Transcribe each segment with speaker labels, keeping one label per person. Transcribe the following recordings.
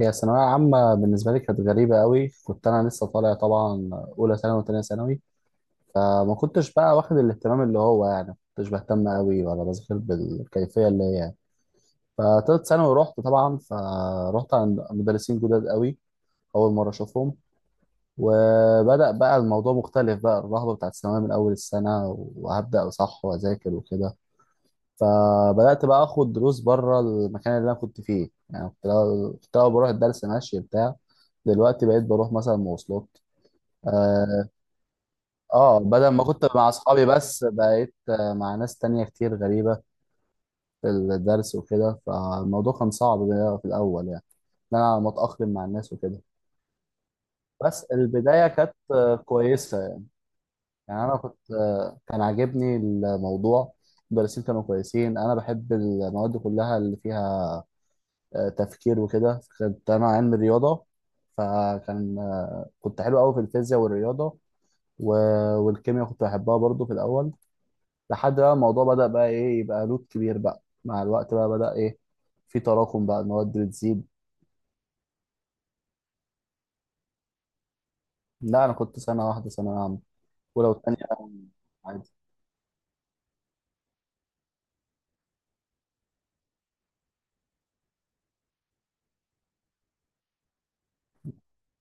Speaker 1: هي ثانوية عامة بالنسبة لي كانت غريبة قوي، كنت أنا لسه طالع طبعا أولى ثانوي وتانية ثانوي. فما كنتش بقى واخد الاهتمام، اللي هو يعني ما كنتش بهتم قوي ولا بذاكر بالكيفية اللي هي يعني. فتالت ثانوي رحت طبعا، فرحت عند مدرسين جداد قوي أول مرة أشوفهم. وبدأ بقى الموضوع مختلف، بقى الرهبة بتاعت الثانوية من أول السنة، وهبدأ صح وأذاكر وكده. فبدات بقى اخد دروس بره المكان اللي انا كنت فيه، يعني كنت الأول بروح الدرس ماشي بتاع، دلوقتي بقيت بروح مثلا مواصلات. اه. بدل ما كنت مع اصحابي بس بقيت مع ناس تانية كتير غريبة في الدرس وكده، فالموضوع كان صعب بقى في الاول، يعني ان انا متاقلم مع الناس وكده. بس البداية كانت كويسة. يعني أنا كنت آه، كان عاجبني الموضوع، المدرسين كانوا كويسين، أنا بحب المواد كلها اللي فيها تفكير وكده، كنت انا علم رياضه. فكان آه، كنت حلو قوي في الفيزياء والرياضه و... والكيمياء كنت بحبها برضو في الاول، لحد بقى الموضوع بدأ بقى ايه، يبقى لود كبير بقى، مع الوقت بقى بدأ ايه، في تراكم، بقى المواد بتزيد. لا انا كنت سنه واحده ثانويه عامه. ولو تانية عادي.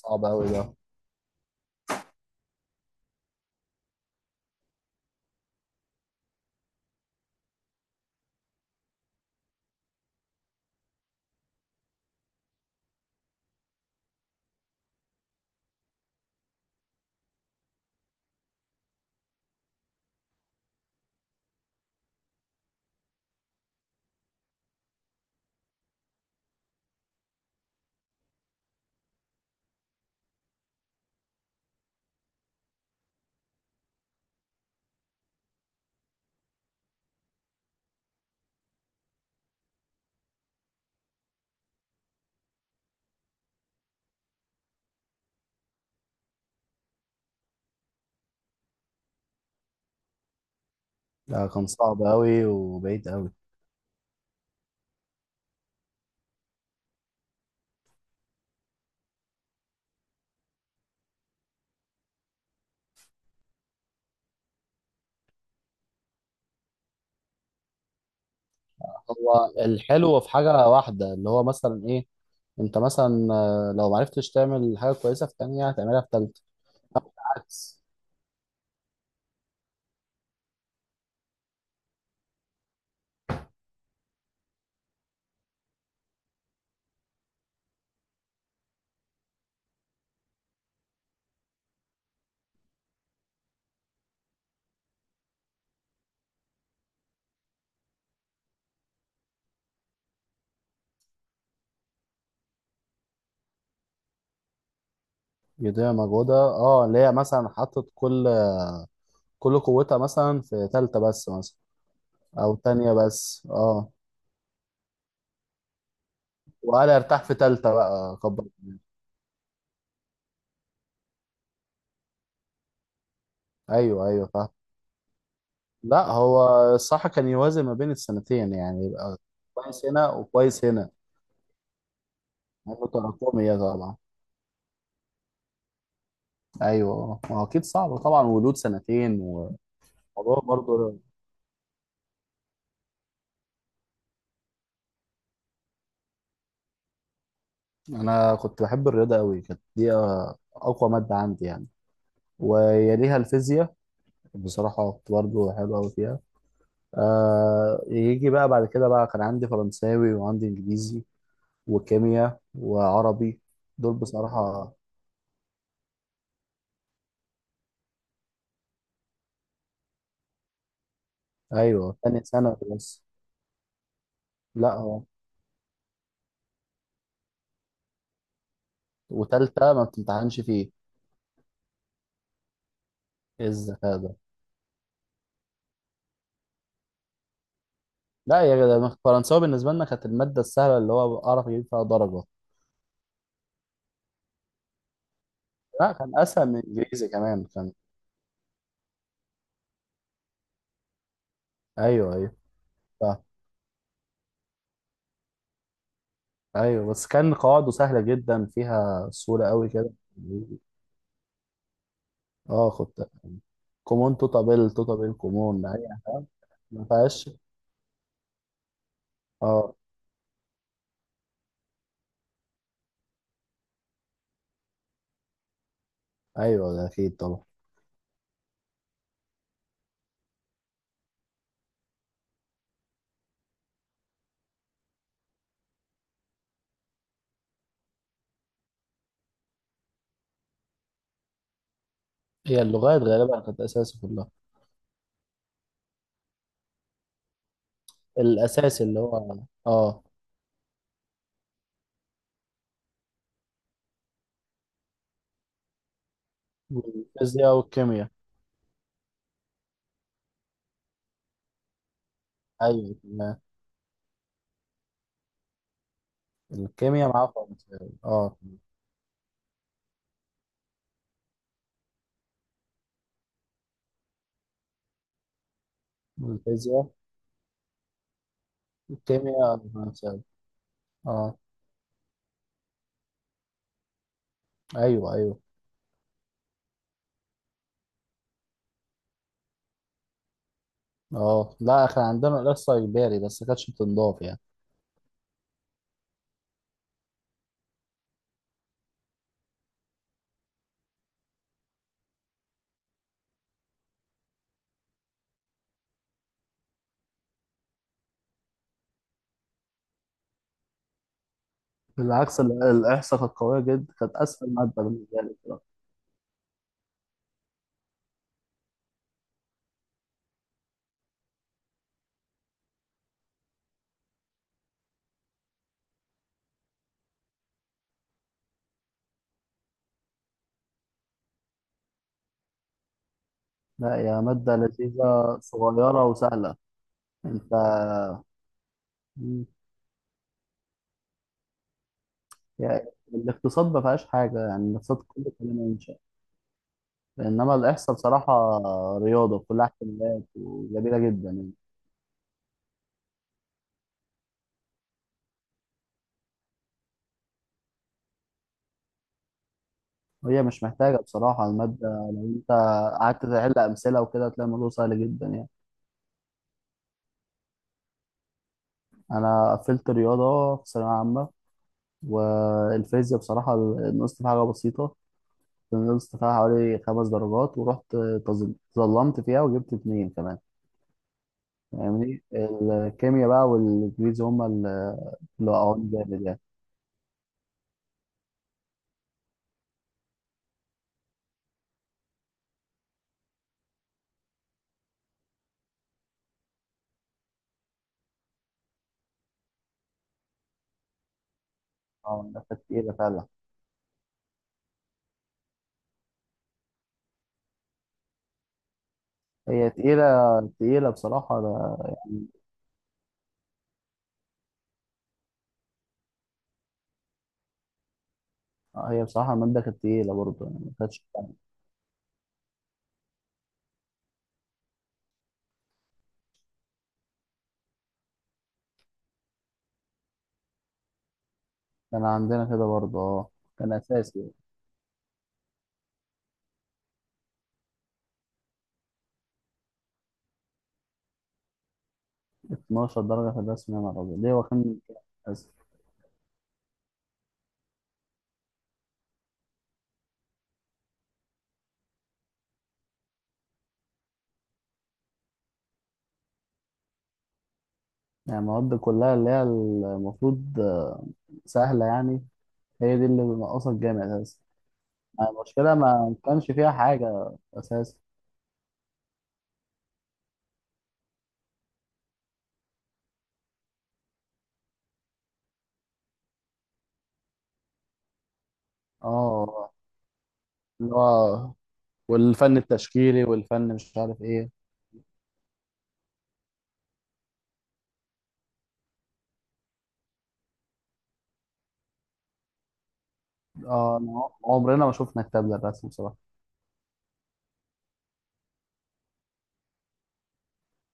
Speaker 1: صعب قوي ده كان صعب قوي وبعيد قوي. هو الحلو في حاجه واحده اللي هو مثلا ايه، انت مثلا لو معرفتش تعمل حاجه كويسه في تانية هتعملها في تالتة. عكس. جدية موجودة، اه، اللي هي مثلا حطت كل قوتها مثلا في تالتة بس مثلا. أو تانية بس، اه، وقال ارتاح في تالتة بقى كبر. أيوه، أيوه، فاهم. لا هو الصح كان يوازن ما بين السنتين، يعني يبقى كويس هنا وكويس هنا. متراكمية طبعا. أيوه، ما هو أكيد صعب طبعا، ولود سنتين وموضوع برضه. أنا كنت بحب الرياضة أوي، كانت دي أقوى مادة عندي يعني، ويليها الفيزياء، بصراحة كنت برضه حلوة أوي فيها. يجي بقى بعد كده بقى كان عندي فرنساوي وعندي انجليزي وكيمياء وعربي، دول بصراحة. ايوه، تاني سنة بس. لا هو وتالتة ما بتمتحنش فيه. ايه الذكاء ده! لا يا جدع، فرنساوي بالنسبة لنا كانت المادة السهلة، اللي هو اعرف اجيب فيها درجة. لا، كان اسهل من انجليزي كمان، كان. ايوه، ايوه، صح. ايوه بس كان قواعده سهلة جدا فيها، صورة قوي كده. اه كنت كومون توتابيل، توتابيل كومون، اي حاجة. ما فيهاش. اه، ايوه ده اكيد طبعا. هي اللغات غالبا كانت اساسي في اللغه. الاساسي اللي هو اه، الفيزياء والكيمياء. ايوه تمام. الكيمياء معاه فرنساوي، اه. الفيزياء. الكيمياء فرنساوي. اه، ايوه، ايوه. اه لا، كان عندنا الاحصاء اجباري بس ما كانتش بتنضاف يعني. بالعكس، الاحصاء كانت قويه جدا، كانت اسهل ماده بالنسبه لي بصراحة. لا يا ماده لذيذه، صغيره وسهله. انت. مم. يعني الاقتصاد ما فيهاش حاجه، يعني الاقتصاد كله كلام. انما الاحصاء بصراحه رياضه، كلها احتمالات وجميله جدا يعني. وهي مش محتاجه بصراحه الماده، لو انت قعدت تحل امثله وكده هتلاقي الموضوع سهل جدا يعني. انا قفلت رياضه في ثانويه عامه، والفيزياء بصراحه نقصت فيها حاجه بسيطه، نقصت فيها حوالي خمس درجات، ورحت تظلمت فيها وجبت اتنين كمان. يعني الكيمياء بقى والانجليزي هما اللي وقعوني جامد يعني. اه، ده كانت تقيله فعلا. هي تقيلة بصراحة. هي بصراحة المادة كانت تقيلة برضه، يعني ما كانتش. كان عندنا كده برضه، اه، كان أساسي. 12 درجة في الرسم؟ يا نهار أبيض! ليه، هو كان أساسي؟ يعني المواد كلها اللي هي المفروض سهلة يعني، هي دي اللي بنقصها الجامعة أساسا. يعني المشكلة ما كانش فيها حاجة أساسا. اه، اللي هو والفن التشكيلي والفن مش عارف ايه. اه، عمرنا ما شفنا كتاب للرسم بصراحة.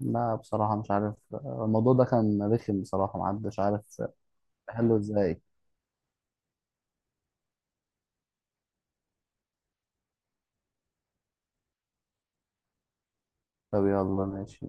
Speaker 1: لا بصراحة مش عارف، الموضوع ده كان رخم بصراحة، محدش عارف. حلو ازاي. طب يلا ماشي.